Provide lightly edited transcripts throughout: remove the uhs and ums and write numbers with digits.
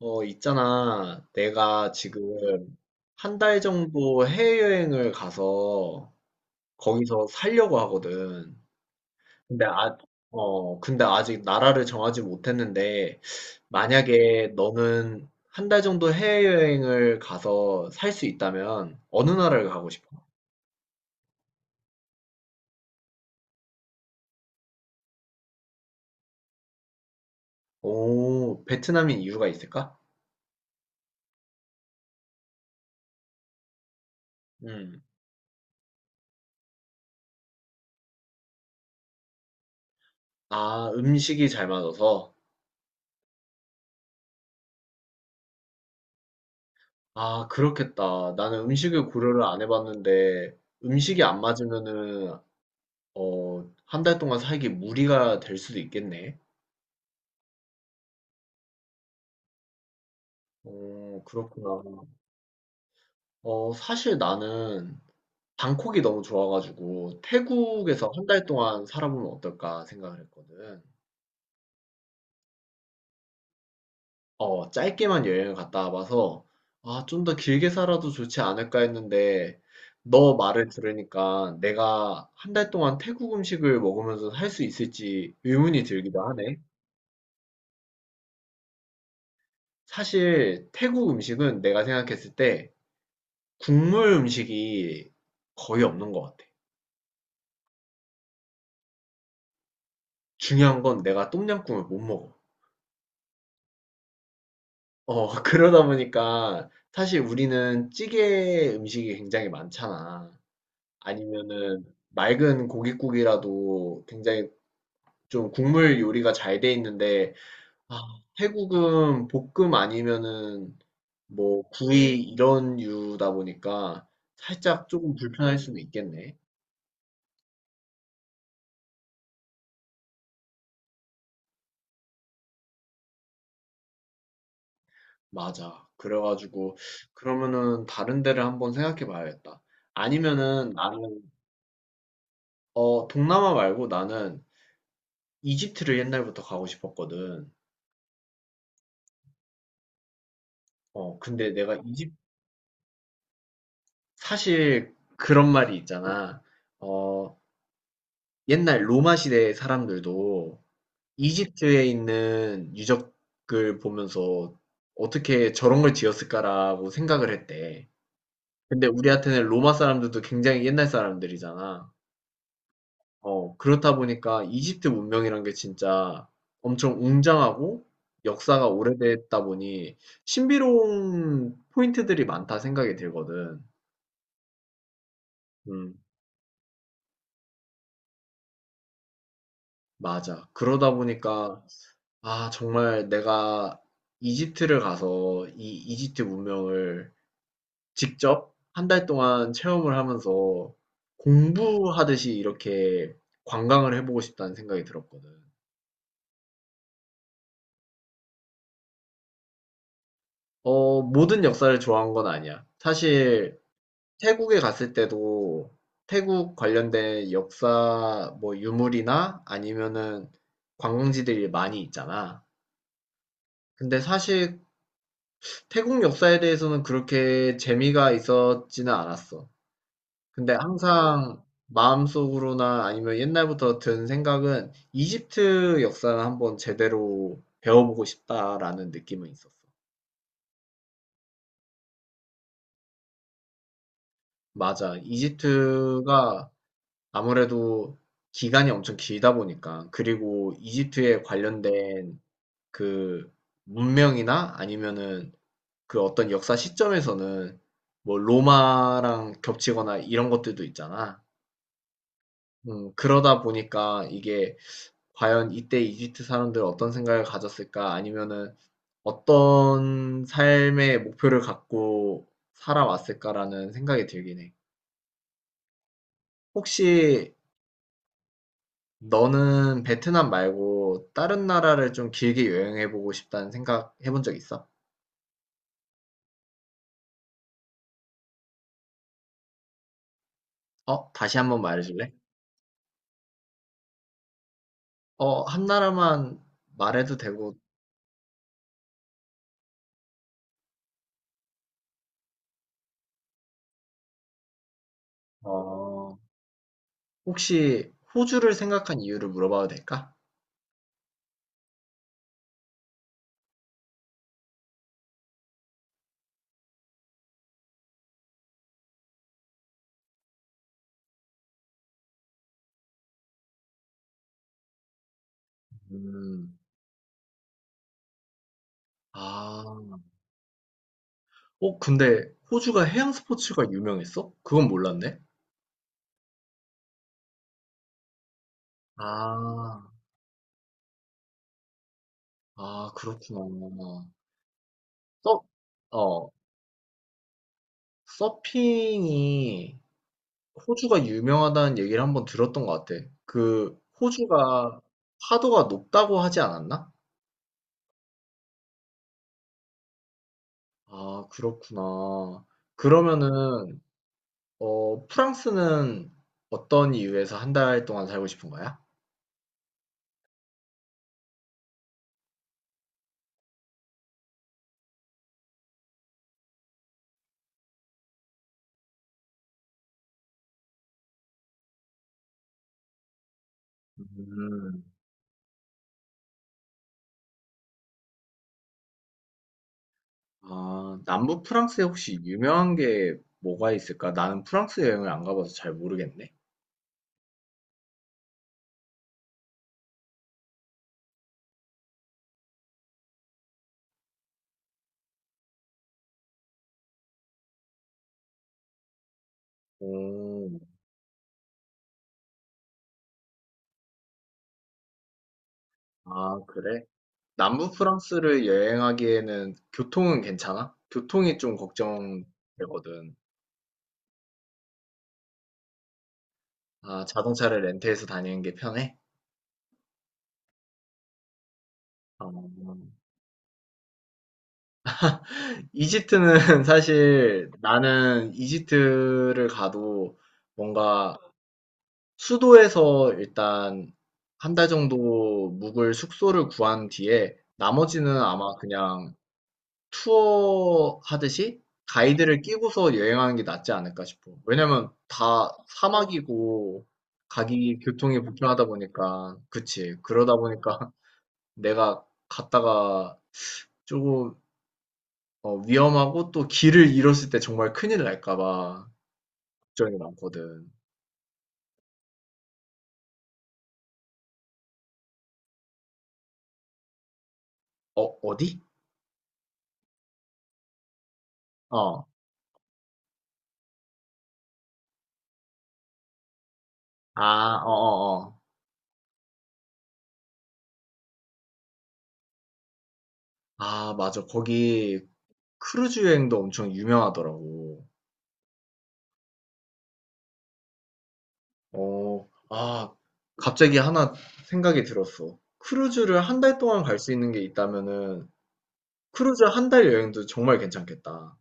있잖아. 내가 지금 한 달 정도 해외여행을 가서 거기서 살려고 하거든. 근데 아, 근데 아직 나라를 정하지 못했는데, 만약에 너는 한 달 정도 해외여행을 가서 살 수 있다면 어느 나라를 가고 싶어? 오, 베트남인 이유가 있을까? 음. 아, 음식이 잘 맞아서? 아, 그렇겠다. 나는 음식을 고려를 안 해봤는데, 음식이 안 맞으면은 어, 한 달 동안 살기 무리가 될 수도 있겠네. 어, 그렇구나. 사실 나는 방콕이 너무 좋아가지고 태국에서 한 달 동안 살아보면 어떨까 생각을 했거든. 짧게만 여행을 갔다 와봐서 좀 더 길게 살아도 좋지 않을까 했는데 너 말을 들으니까 내가 한 달 동안 태국 음식을 먹으면서 살 수 있을지 의문이 들기도 하네. 사실 태국 음식은 내가 생각했을 때 국물 음식이 거의 없는 것 같아. 중요한 건 내가 똠양꿍을 못 먹어. 그러다 보니까 사실 우리는 찌개 음식이 굉장히 많잖아. 아니면은 맑은 고깃국이라도 굉장히 좀 국물 요리가 잘 돼 있는데, 아, 태국은 볶음 아니면은 뭐 구이 이런 유다 보니까 살짝 조금 불편할 수는 있겠네. 맞아. 그래가지고 그러면은 다른 데를 한번 생각해 봐야겠다. 아니면은 나는 동남아 말고 나는 이집트를 옛날부터 가고 싶었거든. 어 근데 내가 이집 사실 그런 말이 있잖아. 어 옛날 로마 시대 사람들도 이집트에 있는 유적을 보면서 어떻게 저런 걸 지었을까라고 생각을 했대. 근데 우리한테는 로마 사람들도 굉장히 옛날 사람들이잖아. 그렇다 보니까 이집트 문명이란 게 진짜 엄청 웅장하고 역사가 오래됐다 보니 신비로운 포인트들이 많다 생각이 들거든. 음, 맞아. 그러다 보니까, 정말 내가 이집트를 가서 이 이집트 문명을 직접 한 달 동안 체험을 하면서 공부하듯이 이렇게 관광을 해보고 싶다는 생각이 들었거든. 모든 역사를 좋아한 건 아니야. 사실, 태국에 갔을 때도 태국 관련된 역사 뭐 유물이나 아니면은 관광지들이 많이 있잖아. 근데 사실 태국 역사에 대해서는 그렇게 재미가 있었지는 않았어. 근데 항상 마음속으로나 아니면 옛날부터 든 생각은 이집트 역사를 한번 제대로 배워보고 싶다라는 느낌은 있었어. 맞아. 이집트가 아무래도 기간이 엄청 길다 보니까 그리고 이집트에 관련된 그 문명이나 아니면은 그 어떤 역사 시점에서는 뭐 로마랑 겹치거나 이런 것들도 있잖아. 그러다 보니까 이게 과연 이때 이집트 사람들 어떤 생각을 가졌을까? 아니면은 어떤 삶의 목표를 갖고 살아왔을까라는 생각이 들긴 해. 혹시 너는 베트남 말고 다른 나라를 좀 길게 여행해보고 싶다는 생각 해본 적 있어? 어? 다시 한번 말해줄래? 한 나라만 말해도 되고, 어, 혹시 호주를 생각한 이유를 물어봐도 될까? 음, 아, 근데 호주가 해양 스포츠가 유명했어? 그건 몰랐네. 아, 아, 그렇구나. 서, 어, 서핑이 호주가 유명하다는 얘기를 한번 들었던 것 같아. 그 호주가 파도가 높다고 하지 않았나? 아, 그렇구나. 그러면은 프랑스는 어떤 이유에서 한 달 동안 살고 싶은 거야? 음. 아, 남부 프랑스에 혹시 유명한 게 뭐가 있을까? 나는 프랑스 여행을 안 가봐서 잘 모르겠네. 오, 아, 그래? 남부 프랑스를 여행하기에는 교통은 괜찮아? 교통이 좀 걱정되거든. 아, 자동차를 렌트해서 다니는 게 편해? 어, 이집트는 사실 나는 이집트를 가도 뭔가 수도에서 일단 한 달 정도 묵을 숙소를 구한 뒤에 나머지는 아마 그냥 투어 하듯이 가이드를 끼고서 여행하는 게 낫지 않을까 싶어. 왜냐면 다 사막이고 가기 교통이 불편하다 보니까, 그치. 그러다 보니까 내가 갔다가 조금 위험하고 또 길을 잃었을 때 정말 큰일 날까 봐 걱정이 많거든. 어, 어디? 어. 아, 어, 어, 어. 아, 맞아. 거기 크루즈 여행도 엄청 유명하더라고. 어, 아, 갑자기 하나 생각이 들었어. 크루즈를 한 달 동안 갈 수 있는 게 있다면은 크루즈 한 달 여행도 정말 괜찮겠다.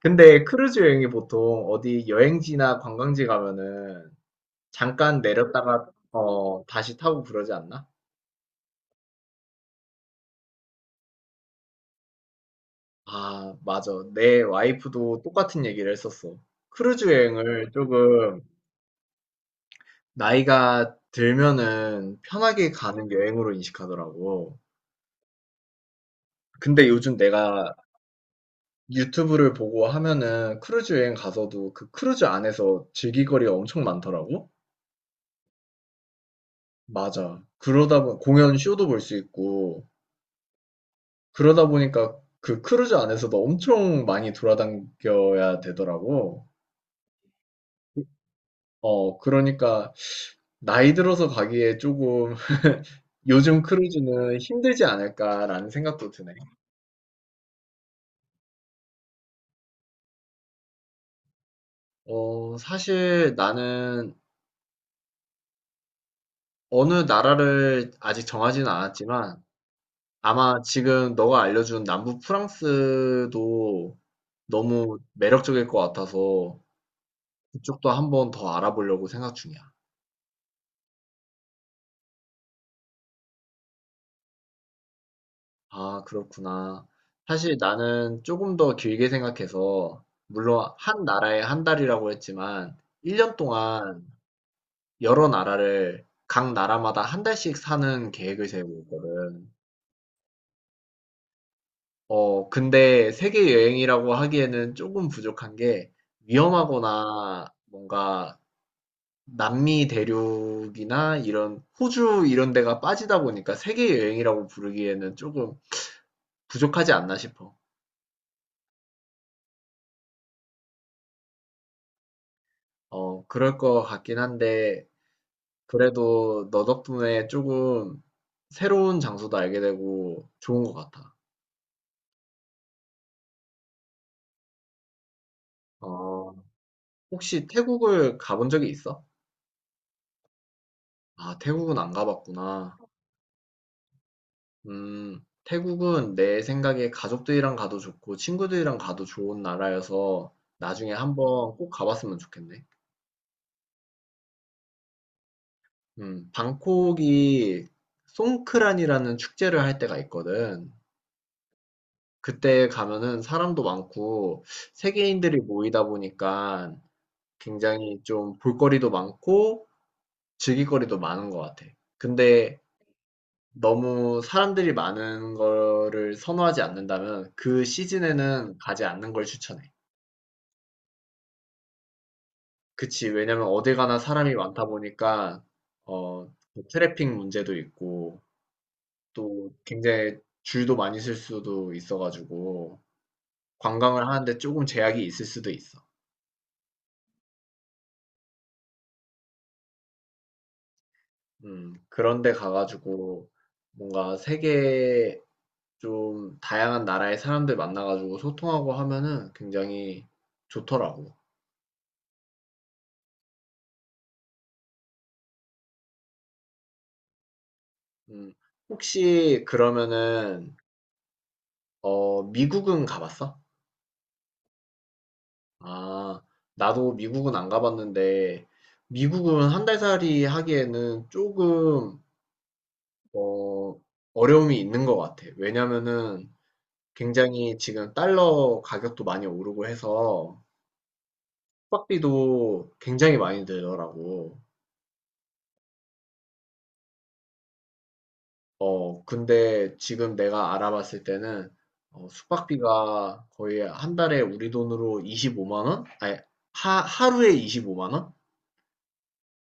근데 크루즈 여행이 보통 어디 여행지나 관광지 가면은 잠깐 내렸다가 다시 타고 그러지 않나? 아 맞아. 내 와이프도 똑같은 얘기를 했었어. 크루즈 여행을 조금 나이가 들면은 편하게 가는 여행으로 인식하더라고. 근데 요즘 내가 유튜브를 보고 하면은 크루즈 여행 가서도 그 크루즈 안에서 즐길 거리가 엄청 많더라고. 맞아. 그러다 보 공연 쇼도 볼 수 있고 그러다 보니까 그 크루즈 안에서도 엄청 많이 돌아다녀야 되더라고. 그러니까 나이 들어서 가기에 조금 요즘 크루즈는 힘들지 않을까라는 생각도 드네. 사실 나는 어느 나라를 아직 정하지는 않았지만 아마 지금 너가 알려준 남부 프랑스도 너무 매력적일 것 같아서 그쪽도 한번 더 알아보려고 생각 중이야. 아, 그렇구나. 사실 나는 조금 더 길게 생각해서, 물론 한 나라에 한 달이라고 했지만, 1년 동안 여러 나라를 각 나라마다 한 달씩 사는 계획을 세우고 있거든. 근데 세계 여행이라고 하기에는 조금 부족한 게, 위험하거나 뭔가 남미 대륙이나 이런 호주 이런 데가 빠지다 보니까 세계 여행이라고 부르기에는 조금 부족하지 않나 싶어. 그럴 것 같긴 한데, 그래도 너 덕분에 조금 새로운 장소도 알게 되고 좋은 것 같아. 어, 혹시 태국을 가본 적이 있어? 아, 태국은 안 가봤구나. 태국은 내 생각에 가족들이랑 가도 좋고 친구들이랑 가도 좋은 나라여서 나중에 한번 꼭 가봤으면 좋겠네. 방콕이 송크란이라는 축제를 할 때가 있거든. 그때 가면은 사람도 많고 세계인들이 모이다 보니까 굉장히 좀 볼거리도 많고 즐길 거리도 많은 것 같아. 근데 너무 사람들이 많은 거를 선호하지 않는다면 그 시즌에는 가지 않는 걸 추천해. 그치. 왜냐면 어딜 가나 사람이 많다 보니까 어, 트래픽 문제도 있고 또 굉장히 줄도 많이 설 수도 있어가지고 관광을 하는데 조금 제약이 있을 수도 있어. 그런데 가가지고 뭔가 세계 좀 다양한 나라의 사람들 만나 가지고 소통하고 하면은 굉장히 좋더라고. 음. 혹시 그러면은 미국은 가 봤어? 아. 나도 미국은 안 가봤는데 미국은 한 달 살이 하기에는 조금 어 어려움이 있는 것 같아. 왜냐면은 굉장히 지금 달러 가격도 많이 오르고 해서 숙박비도 굉장히 많이 들더라고. 근데 지금 내가 알아봤을 때는 숙박비가 거의 한 달에 우리 돈으로 25만 원? 아니 하루에 25만 원?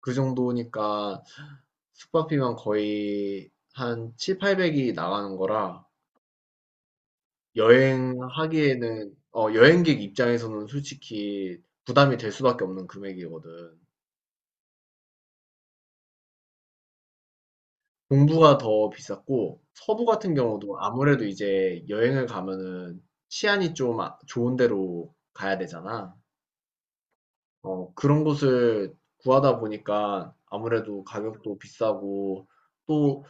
그 정도니까 숙박비만 거의 한 7, 800이 나가는 거라 여행하기에는 여행객 입장에서는 솔직히 부담이 될 수밖에 없는 금액이거든. 동부가 더 비쌌고 서부 같은 경우도 아무래도 이제 여행을 가면은 치안이 좀 좋은 데로 가야 되잖아. 그런 곳을 구하다 보니까 아무래도 가격도 비싸고 또,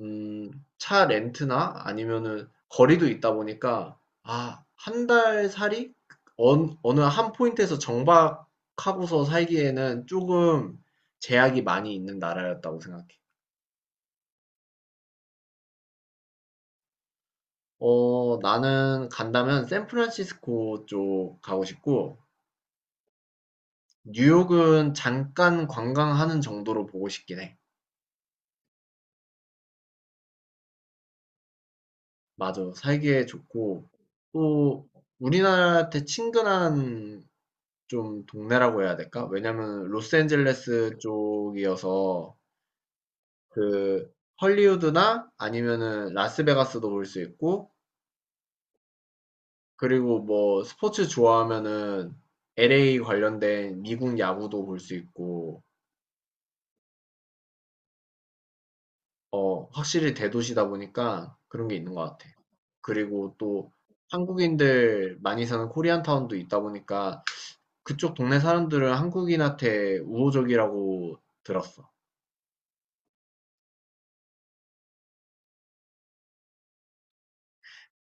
음, 차 렌트나 아니면은 거리도 있다 보니까 한 달 살이 어느 한 포인트에서 정박하고서 살기에는 조금 제약이 많이 있는 나라였다고 생각해. 나는 간다면 샌프란시스코 쪽 가고 싶고, 뉴욕은 잠깐 관광하는 정도로 보고 싶긴 해. 맞아. 살기에 좋고, 또 우리나라한테 친근한 좀 동네라고 해야 될까? 왜냐면 로스앤젤레스 쪽이어서 그 헐리우드나 아니면은 라스베가스도 볼 수 있고, 그리고 뭐 스포츠 좋아하면은 LA 관련된 미국 야구도 볼 수 있고, 확실히 대도시다 보니까 그런 게 있는 것 같아. 그리고 또 한국인들 많이 사는 코리안타운도 있다 보니까 그쪽 동네 사람들은 한국인한테 우호적이라고 들었어.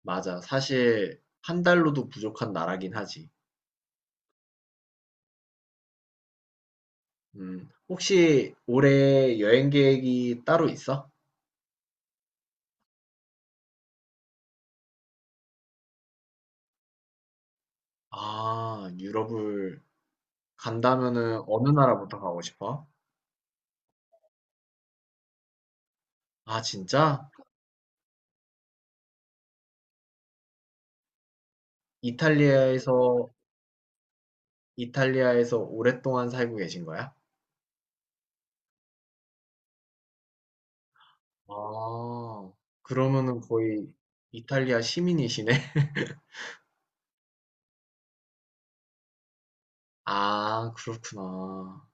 맞아. 사실 한 달로도 부족한 나라긴 하지. 혹시 올해 여행 계획이 따로 있어? 아, 유럽을 간다면은 어느 나라부터 가고 싶어? 아, 진짜? 이탈리아에서, 이탈리아에서 오랫동안 살고 계신 거야? 아, 그러면은 거의 이탈리아 시민이시네. 아, 그렇구나.